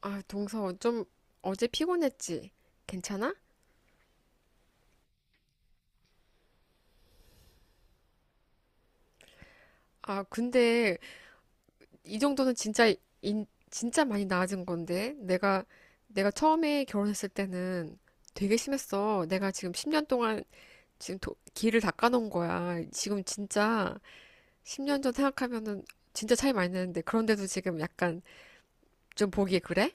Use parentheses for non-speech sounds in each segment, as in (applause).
동서, 좀 어제 피곤했지? 괜찮아? 근데 이 정도는 진짜 많이 나아진 건데. 내가 처음에 결혼했을 때는 되게 심했어. 내가 지금 10년 동안 길을 닦아놓은 거야. 지금 진짜 10년 전 생각하면은 진짜 차이 많이 나는데. 그런데도 지금 약간 좀 보기에 그래?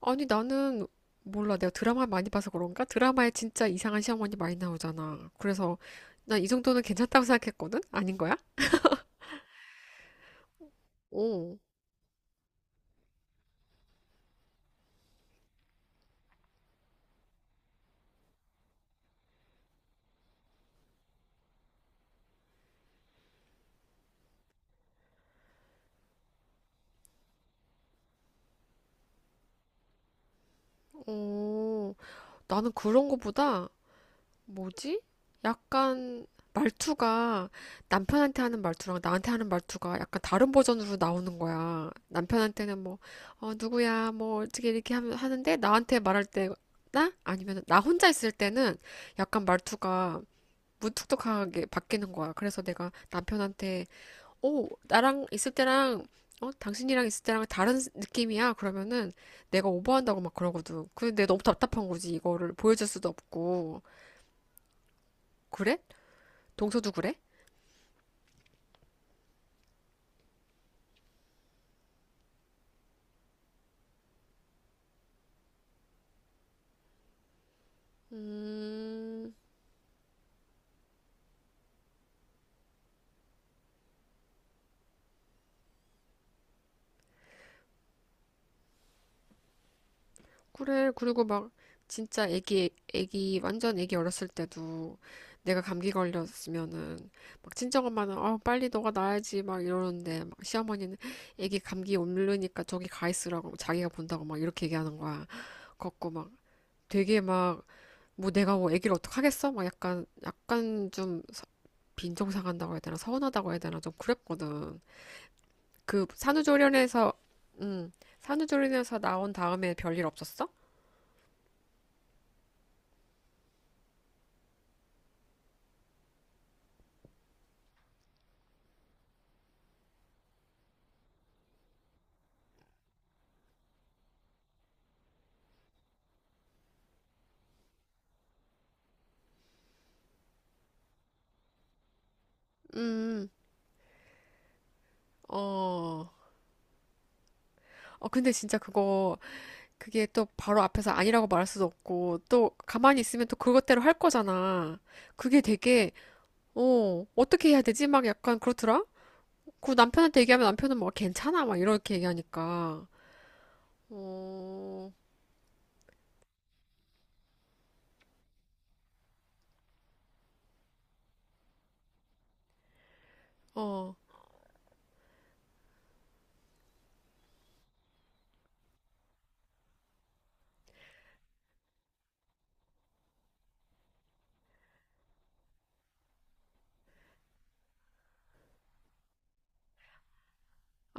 아니, 나는 몰라. 내가 드라마 많이 봐서 그런가? 드라마에 진짜 이상한 시어머니 많이 나오잖아. 그래서 나 이 정도는 괜찮다고 생각했거든? 아닌 거야? 어, 어, 나는 그런 거보다, 뭐지? 약간 말투가 남편한테 하는 말투랑 나한테 하는 말투가 약간 다른 버전으로 나오는 거야. 남편한테는 뭐, 누구야, 뭐, 하는데 나한테 말할 때, 나? 아니면 나 혼자 있을 때는 약간 말투가 무뚝뚝하게 바뀌는 거야. 그래서 내가 남편한테, 오, 나랑 있을 때랑, 당신이랑 있을 때랑 다른 느낌이야. 그러면은 내가 오버한다고 막 그러거든. 근데 내가 너무 답답한 거지. 이거를 보여줄 수도 없고. 그래? 동서도 그래? 음. 그래, 그리고 막 진짜 완전 애기 어렸을 때도 내가 감기 걸렸으면은 막 친정엄마는 빨리 너가 나아야지 막 이러는데 막 시어머니는 애기 감기 옮르니까 저기 가 있으라고 자기가 본다고 막 이렇게 얘기하는 거야. 걷고 막 되게 막 뭐 내가 뭐 애기를 어떡하겠어? 막 약간 빈정상한다고 해야 되나 서운하다고 해야 되나 좀 그랬거든. 그 산후조리원에서, 음, 산후조리원에서 나온 다음에 별일 없었어? 음. 어, 근데 진짜 그거, 그게 또 바로 앞에서 아니라고 말할 수도 없고, 또 가만히 있으면 또 그것대로 할 거잖아. 그게 되게, 어, 어떻게 해야 되지? 막 약간 그렇더라? 그 남편한테 얘기하면 남편은 막 괜찮아? 막 이렇게 얘기하니까. 어, 어.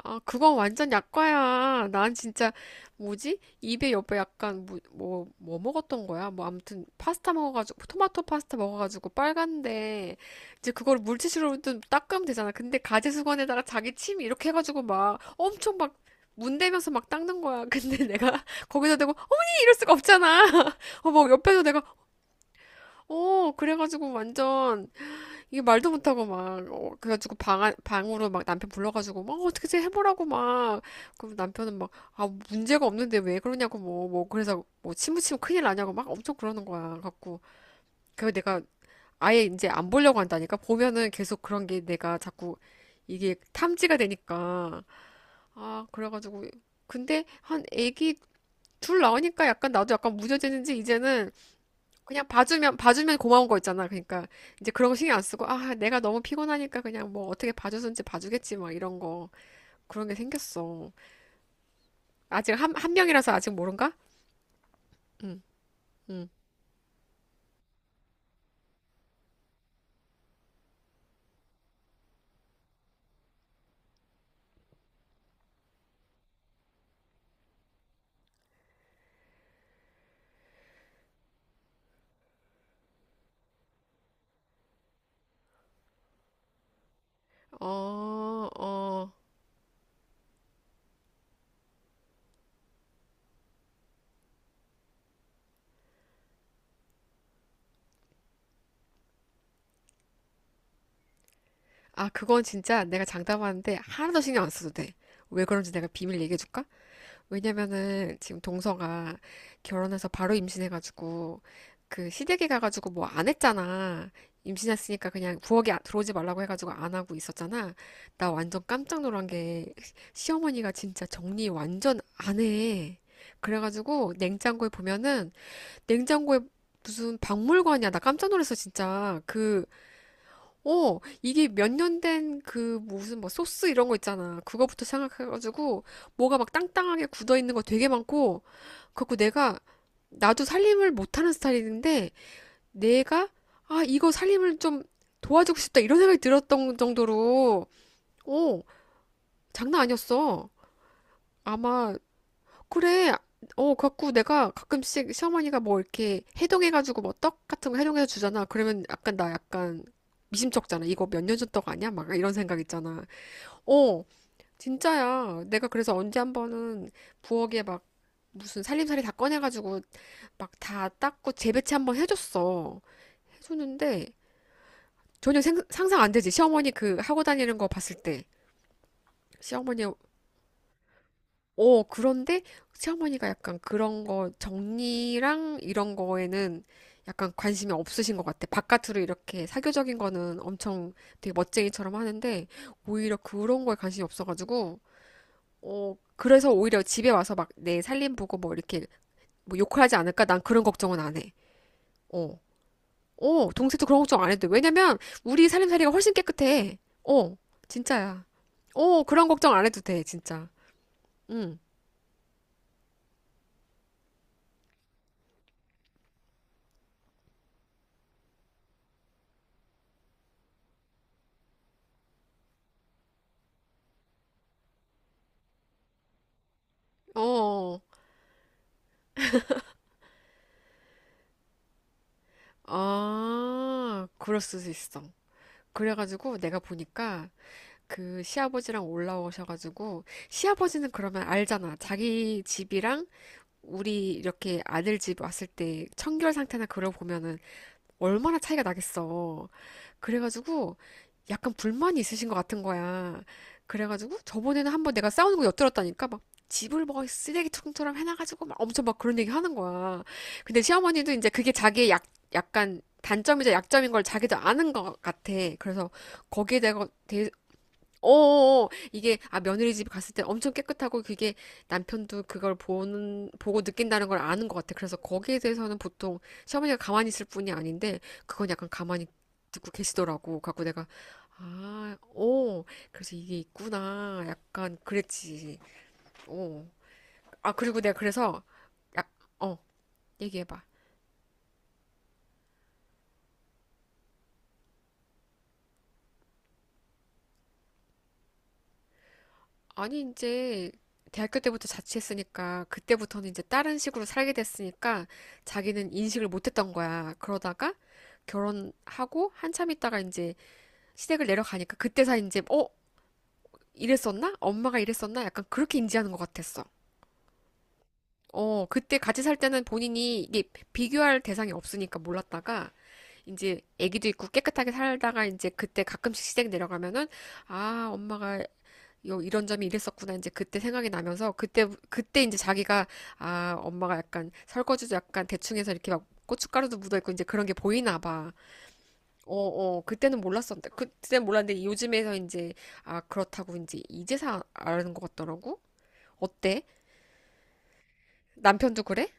아, 그건 완전 약과야. 난 진짜, 뭐지? 입에 옆에 약간, 뭐 먹었던 거야? 뭐, 아무튼, 토마토 파스타 먹어가지고, 빨간데, 이제 그걸 물티슈로 좀 닦으면 되잖아. 근데 가제수건에다가 자기 침 이렇게 해가지고 막, 엄청 막, 문대면서 막 닦는 거야. 근데 (laughs) 내가 거기다 대고, 어머니! 이럴 수가 없잖아. (laughs) 어, 뭐, 옆에서 내가, 어, 그래가지고 완전, 이게 말도 못하고 막, 어, 그래가지고 방, 안- 방으로 막 남편 불러가지고, 막, 어, 어떻게 좀 해보라고 막. 그럼 남편은 막, 아, 문제가 없는데 왜 그러냐고 그래서 뭐, 침무치면 큰일 나냐고 막 엄청 그러는 거야. 갖고. 그래서 내가 아예 이제 안 보려고 한다니까? 보면은 계속 그런 게 내가 자꾸 이게 탐지가 되니까. 아, 그래가지고. 근데 한 애기 둘 나오니까 약간 나도 약간 무뎌지는지 이제는 그냥 봐주면 고마운 거 있잖아. 그러니까 이제 그런 거 신경 안 쓰고 아 내가 너무 피곤하니까 그냥 뭐 어떻게 봐줬는지 봐주겠지 막 이런 거 그런 게 생겼어. 아직 한 명이라서 아직 모른가? 어, 어. 아 그건 진짜 내가 장담하는데 하나도 신경 안 써도 돼. 왜 그런지 내가 비밀 얘기해 줄까? 왜냐면은 지금 동서가 결혼해서 바로 임신해가지고 그 시댁에 가가지고 뭐 안 했잖아. 임신했으니까 그냥 부엌에 아- 들어오지 말라고 해가지고 안 하고 있었잖아. 나 완전 깜짝 놀란 게 시어머니가 진짜 정리 완전 안 해. 그래가지고 냉장고에 보면은 냉장고에 무슨 박물관이야. 나 깜짝 놀랐어, 진짜. 그 어, 이게 몇 년 된 그 무슨 뭐 소스 이런 거 있잖아. 그거부터 생각해가지고 뭐가 막 땅땅하게 굳어 있는 거 되게 많고, 그래갖고 내가 나도 살림을 못하는 스타일인데 내가 아 이거 살림을 좀 도와주고 싶다 이런 생각이 들었던 정도로 어 장난 아니었어. 아마 그래. 어, 갖고 내가 가끔씩 시어머니가 뭐 이렇게 해동해가지고 뭐 떡 같은 거 해동해서 주잖아. 그러면 약간 나 약간 미심쩍잖아. 이거 몇 년 전 떡 아니야? 막 이런 생각 있잖아. 어, 진짜야. 내가 그래서 언제 한 번은 부엌에 막 무슨 살림살이 다 꺼내가지고 막 다 닦고 재배치 한번 해줬어. 해줬는데 전혀 상상 안 되지. 시어머니 그 하고 다니는 거 봤을 때. 시어머니 어, 그런데 시어머니가 약간 그런 거 정리랑 이런 거에는 약간 관심이 없으신 것 같아. 바깥으로 이렇게 사교적인 거는 엄청 되게 멋쟁이처럼 하는데 오히려 그런 거에 관심이 없어가지고 어, 그래서 오히려 집에 와서 막 내 살림 보고 뭐 이렇게 뭐 욕을 하지 않을까? 난 그런 걱정은 안 해. 어, 어, 동생도 그런 걱정 안 해도 돼. 왜냐면 우리 살림살이가 훨씬 깨끗해. 어, 진짜야. 어, 그런 걱정 안 해도 돼, 진짜. 응, 어. 아, 그럴 수도 있어. 그래가지고 내가 보니까 그 시아버지랑 올라오셔가지고 시아버지는 그러면 알잖아. 자기 집이랑 우리 이렇게 아들 집 왔을 때 청결 상태나 그런 거 보면은 얼마나 차이가 나겠어. 그래가지고 약간 불만이 있으신 것 같은 거야. 그래가지고 저번에는 한번 내가 싸우는 거 엿들었다니까 막 집을 뭐 쓰레기통처럼 해놔가지고 막 엄청 막 그런 얘기 하는 거야. 근데 시어머니도 이제 그게 자기의 약간 단점이자 약점인 걸 자기도 아는 것 같아. 그래서 거기에 대해서 어, 이게, 아, 며느리 집 갔을 때 엄청 깨끗하고 그게 남편도 보고 느낀다는 걸 아는 것 같아. 그래서 거기에 대해서는 보통 시어머니가 가만히 있을 뿐이 아닌데, 그건 약간 가만히 듣고 계시더라고. 갖고 내가, 아, 어, 그래서 이게 있구나. 약간 그랬지. 어. 아, 그리고 내가 그래서, 약, 어, 얘기해봐. 아니, 이제 대학교 때부터 자취했으니까 그때부터는 이제 다른 식으로 살게 됐으니까 자기는 인식을 못했던 거야. 그러다가 결혼하고 한참 있다가 이제 시댁을 내려가니까 그때서 이제 어? 이랬었나? 엄마가 이랬었나? 약간 그렇게 인지하는 것 같았어. 어, 그때 같이 살 때는 본인이 이게 비교할 대상이 없으니까 몰랐다가 이제 아기도 있고 깨끗하게 살다가 이제 그때 가끔씩 시댁 내려가면은 아, 엄마가 요 이런 점이 이랬었구나 이제 그때 생각이 나면서 그때 이제 자기가 아 엄마가 약간 설거지도 약간 대충해서 이렇게 막 고춧가루도 묻어 있고 이제 그런 게 보이나 봐. 어, 어, 그때는 몰랐는데 요즘에서 이제 아 그렇다고 이제 이제서 아는 것 같더라고. 어때? 남편도 그래?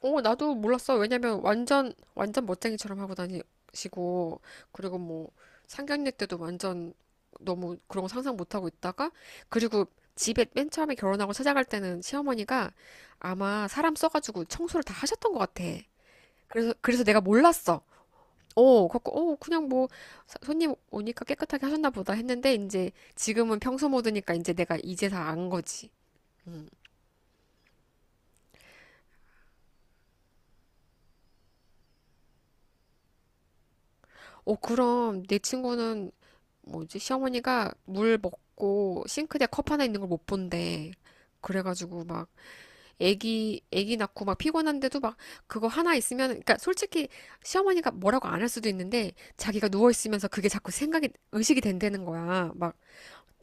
어, 나도 몰랐어. 왜냐면 완전 멋쟁이처럼 하고 다니시고, 그리고 뭐, 상견례 때도 완전 너무 그런 거 상상 못 하고 있다가, 그리고 집에 맨 처음에 결혼하고 찾아갈 때는 시어머니가 아마 사람 써가지고 청소를 다 하셨던 것 같아. 그래서 내가 몰랐어. 어, 갖고, 어, 그냥 뭐, 손님 오니까 깨끗하게 하셨나 보다 했는데, 이제 지금은 평소 모드니까 이제 내가 이제 다 안 거지. 음. 어, 그럼 내 친구는 뭐지, 시어머니가 물 먹고 싱크대 컵 하나 있는 걸 못 본대. 그래가지고 막 애기 낳고 막 피곤한데도 막 그거 하나 있으면 그러니까 솔직히 시어머니가 뭐라고 안 할 수도 있는데 자기가 누워 있으면서 그게 자꾸 생각이 의식이 된다는 거야. 막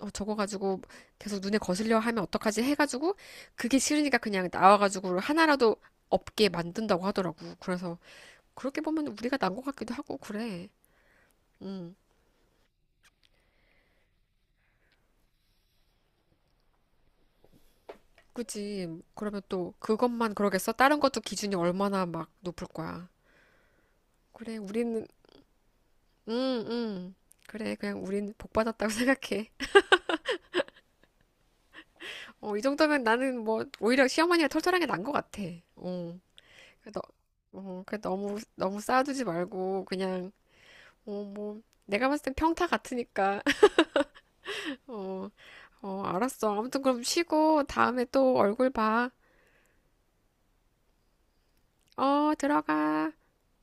어, 저거 가지고 계속 눈에 거슬려 하면 어떡하지 해가지고 그게 싫으니까 그냥 나와가지고 하나라도 없게 만든다고 하더라고. 그래서 그렇게 보면 우리가 난 것 같기도 하고 그래. 음. 그지. 그러면 또 그것만 그러겠어? 다른 것도 기준이 얼마나 막 높을 거야. 그래, 우리는, 응, 응. 그래, 그냥 우린 복 받았다고 (laughs) 생각해. 어, 이 정도면 나는 뭐, 오히려 시어머니가 털털한 게 난 것 같아. 어, 그래, 너, 어, 그래, 너무 쌓아두지 말고, 그냥, 어, 뭐, 내가 봤을 땐 평타 같으니까. (laughs) 어, 어, 알았어. 아무튼 그럼 쉬고, 다음에 또 얼굴 봐. 어, 들어가.